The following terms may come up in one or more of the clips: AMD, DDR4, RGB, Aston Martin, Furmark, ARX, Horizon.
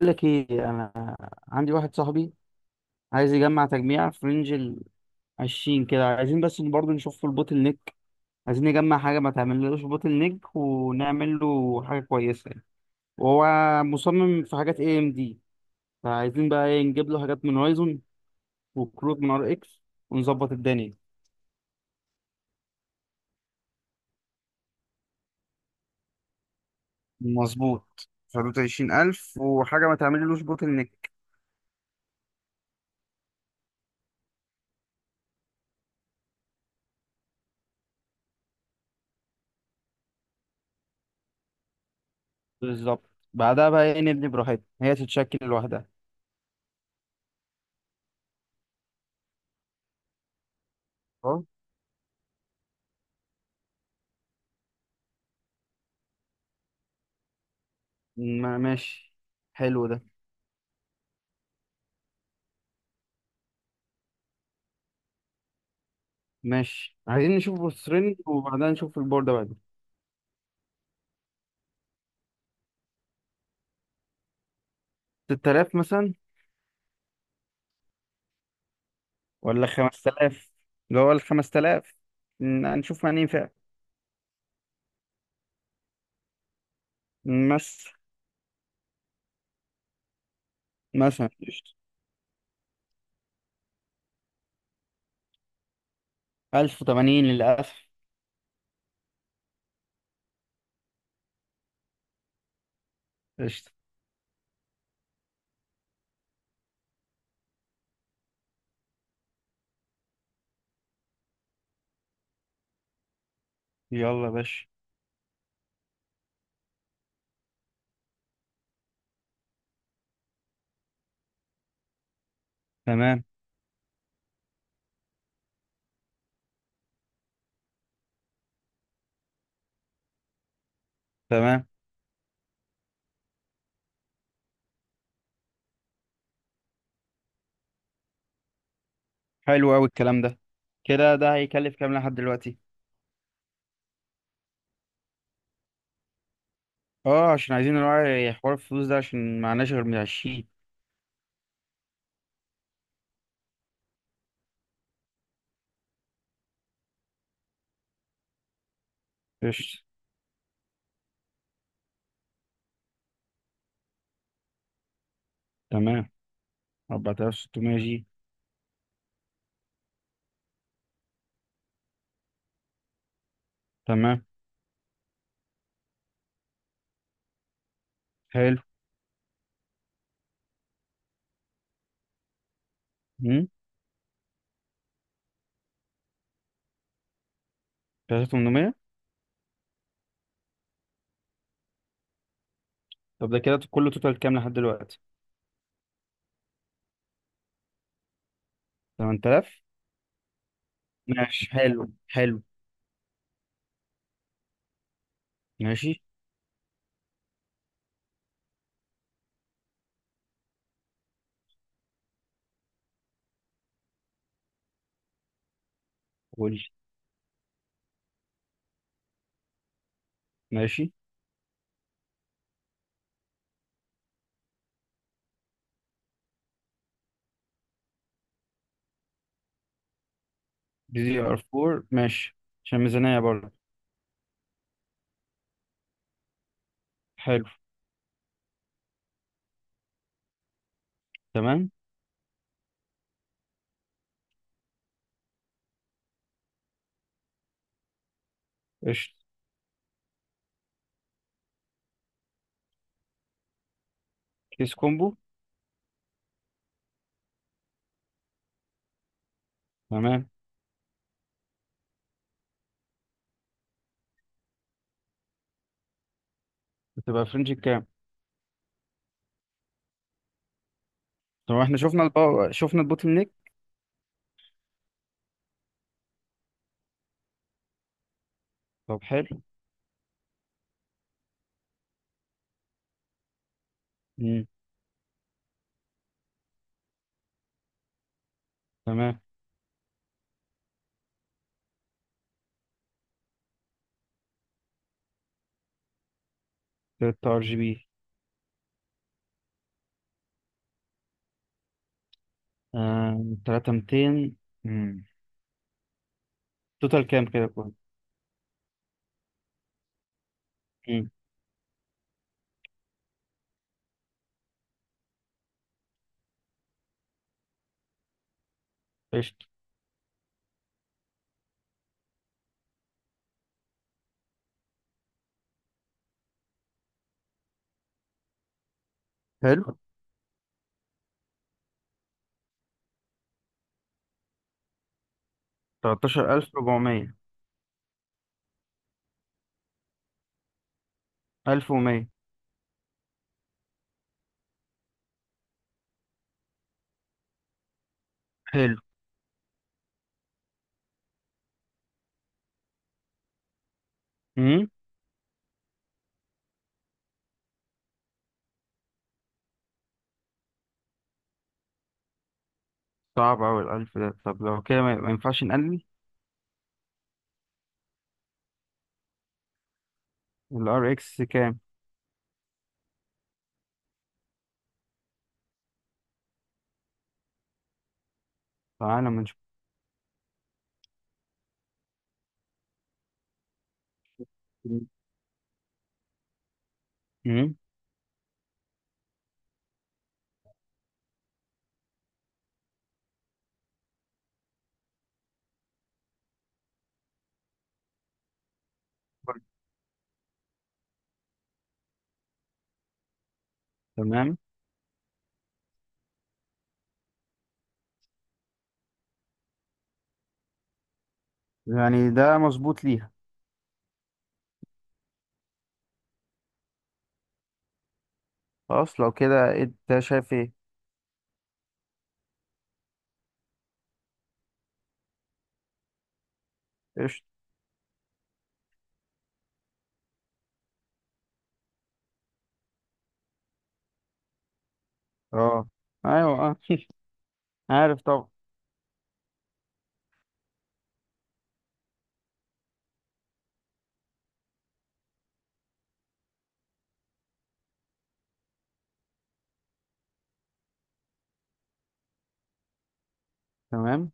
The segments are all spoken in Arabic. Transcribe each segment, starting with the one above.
بقول لك ايه، انا عندي واحد صاحبي عايز يجمع تجميع في رينج ال 20 كده، عايزين بس برضه نشوف في البوتل نيك. عايزين نجمع حاجه ما تعملوش بوتل نيك ونعمل له حاجه كويسه يعني. وهو مصمم في حاجات اي ام دي، فعايزين بقى ايه، نجيب له حاجات من هورايزون وكروت من ار اكس ونظبط الدنيا. مظبوط، في حدود 20 ألف وحاجة ما تعمللوش بوتل نيك. بالظبط، بعدها بقى ايه، نبني براحتنا، هي تتشكل لوحدها. اه. ماشي. حلو ده. ماشي، عايزين نشوف بورسرينج وبعدها نشوف البوردة بعدين. 6000 مثلا، ولا 5000، اللي هو ال 5000. هنشوف مع مين فعلا. مثلا. مثلا، قشطة. 1080 للأسف. قشطة. يلا يا باشا. تمام. تمام، حلو أوي الكلام ده. كده ده هيكلف كام لحد دلوقتي؟ اه، عشان عايزين نراعي حوار الفلوس ده عشان معناش غير من عشرين. قشطة. تمام. 4600 جي. تمام. حلو. امم 3800. طب ده كده كله توتال كام لحد دلوقتي؟ 8000. ماشي، حلو حلو. ماشي. قول. ماشي. دي دي ار 4، ماشي. عشان ميزانية برضه. حلو. تمام. قشطة. كيس كومبو. تمام. بتبقى فرنج كام؟ طب احنا شفنا الباور، شفنا البوتل نيك. طب حلو. مم. تمام. 3 ار جي بي. 3200. توتال كام كده كله؟ مم. قشطة. حلو. 13400. 1100. حلو. مم. صعب أوي الألف ده، طب لو كده ما ينفعش نقلل. الار اكس كام؟ فانا من. امم. تمام. يعني ده مظبوط ليها. خلاص، لو كده انت شايف ايه؟ قشطة. اه. ايوه اه. عارف طبعا. تمام.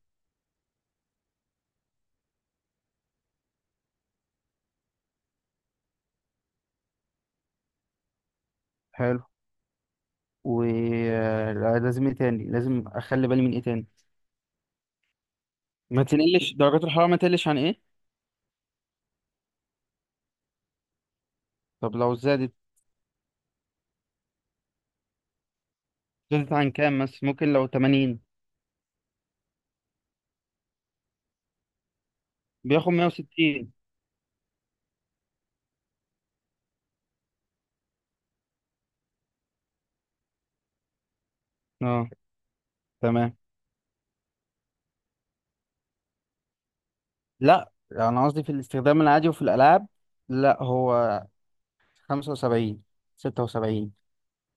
حلو. ولازم ايه تاني، لازم اخلي بالي من ايه تاني؟ ما تقلش درجات الحرارة، ما تقلش عن ايه؟ طب لو زادت. زادت عن كام بس؟ ممكن لو 80؟ بياخد 160. اه. تمام. لا انا قصدي في الاستخدام العادي وفي الالعاب. لا هو 75، 76.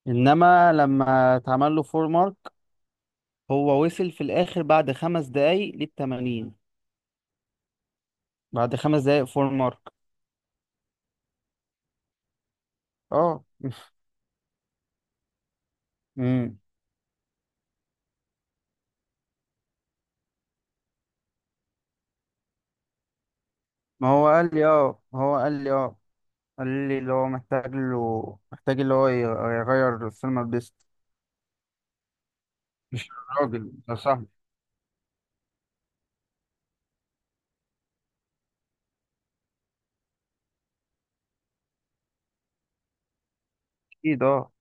انما لما اتعمل له فور مارك، هو وصل في الاخر بعد 5 دقايق للتمانين. بعد خمس دقايق فور مارك. اه. امم. ما هو قال لي اه، ما هو قال لي اه، قال لي اللي هو محتاج له، محتاج اللي هو يغير السينما بيست. مش الراجل ده صاحبي. اكيد اه.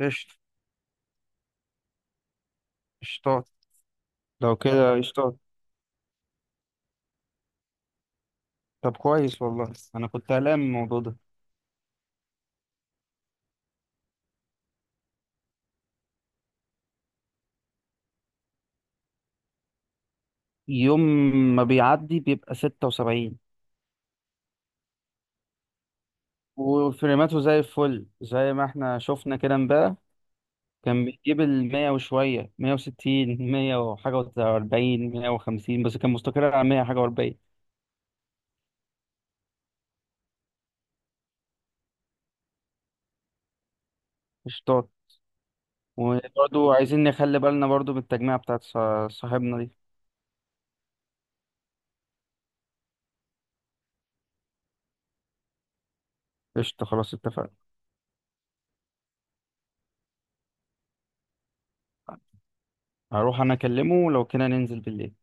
قشطة. قشطات. لو كده قشطات. طب كويس والله، انا كنت قلقان من الموضوع ده. يوم ما بيعدي بيبقى 76. وفريماته زي الفل، زي ما احنا شفنا كده امبارح. كان بيجيب المية وشوية، 160، مية وحاجة وأربعين، 150، بس كان مستقر على مية حاجة وأربعين. قشطات. وبرضو عايزين نخلي بالنا برضو من التجميعة بتاعت صاحبنا دي. قشطة، خلاص اتفقنا. هروح أنا أكلمه لو كنا ننزل بالليل.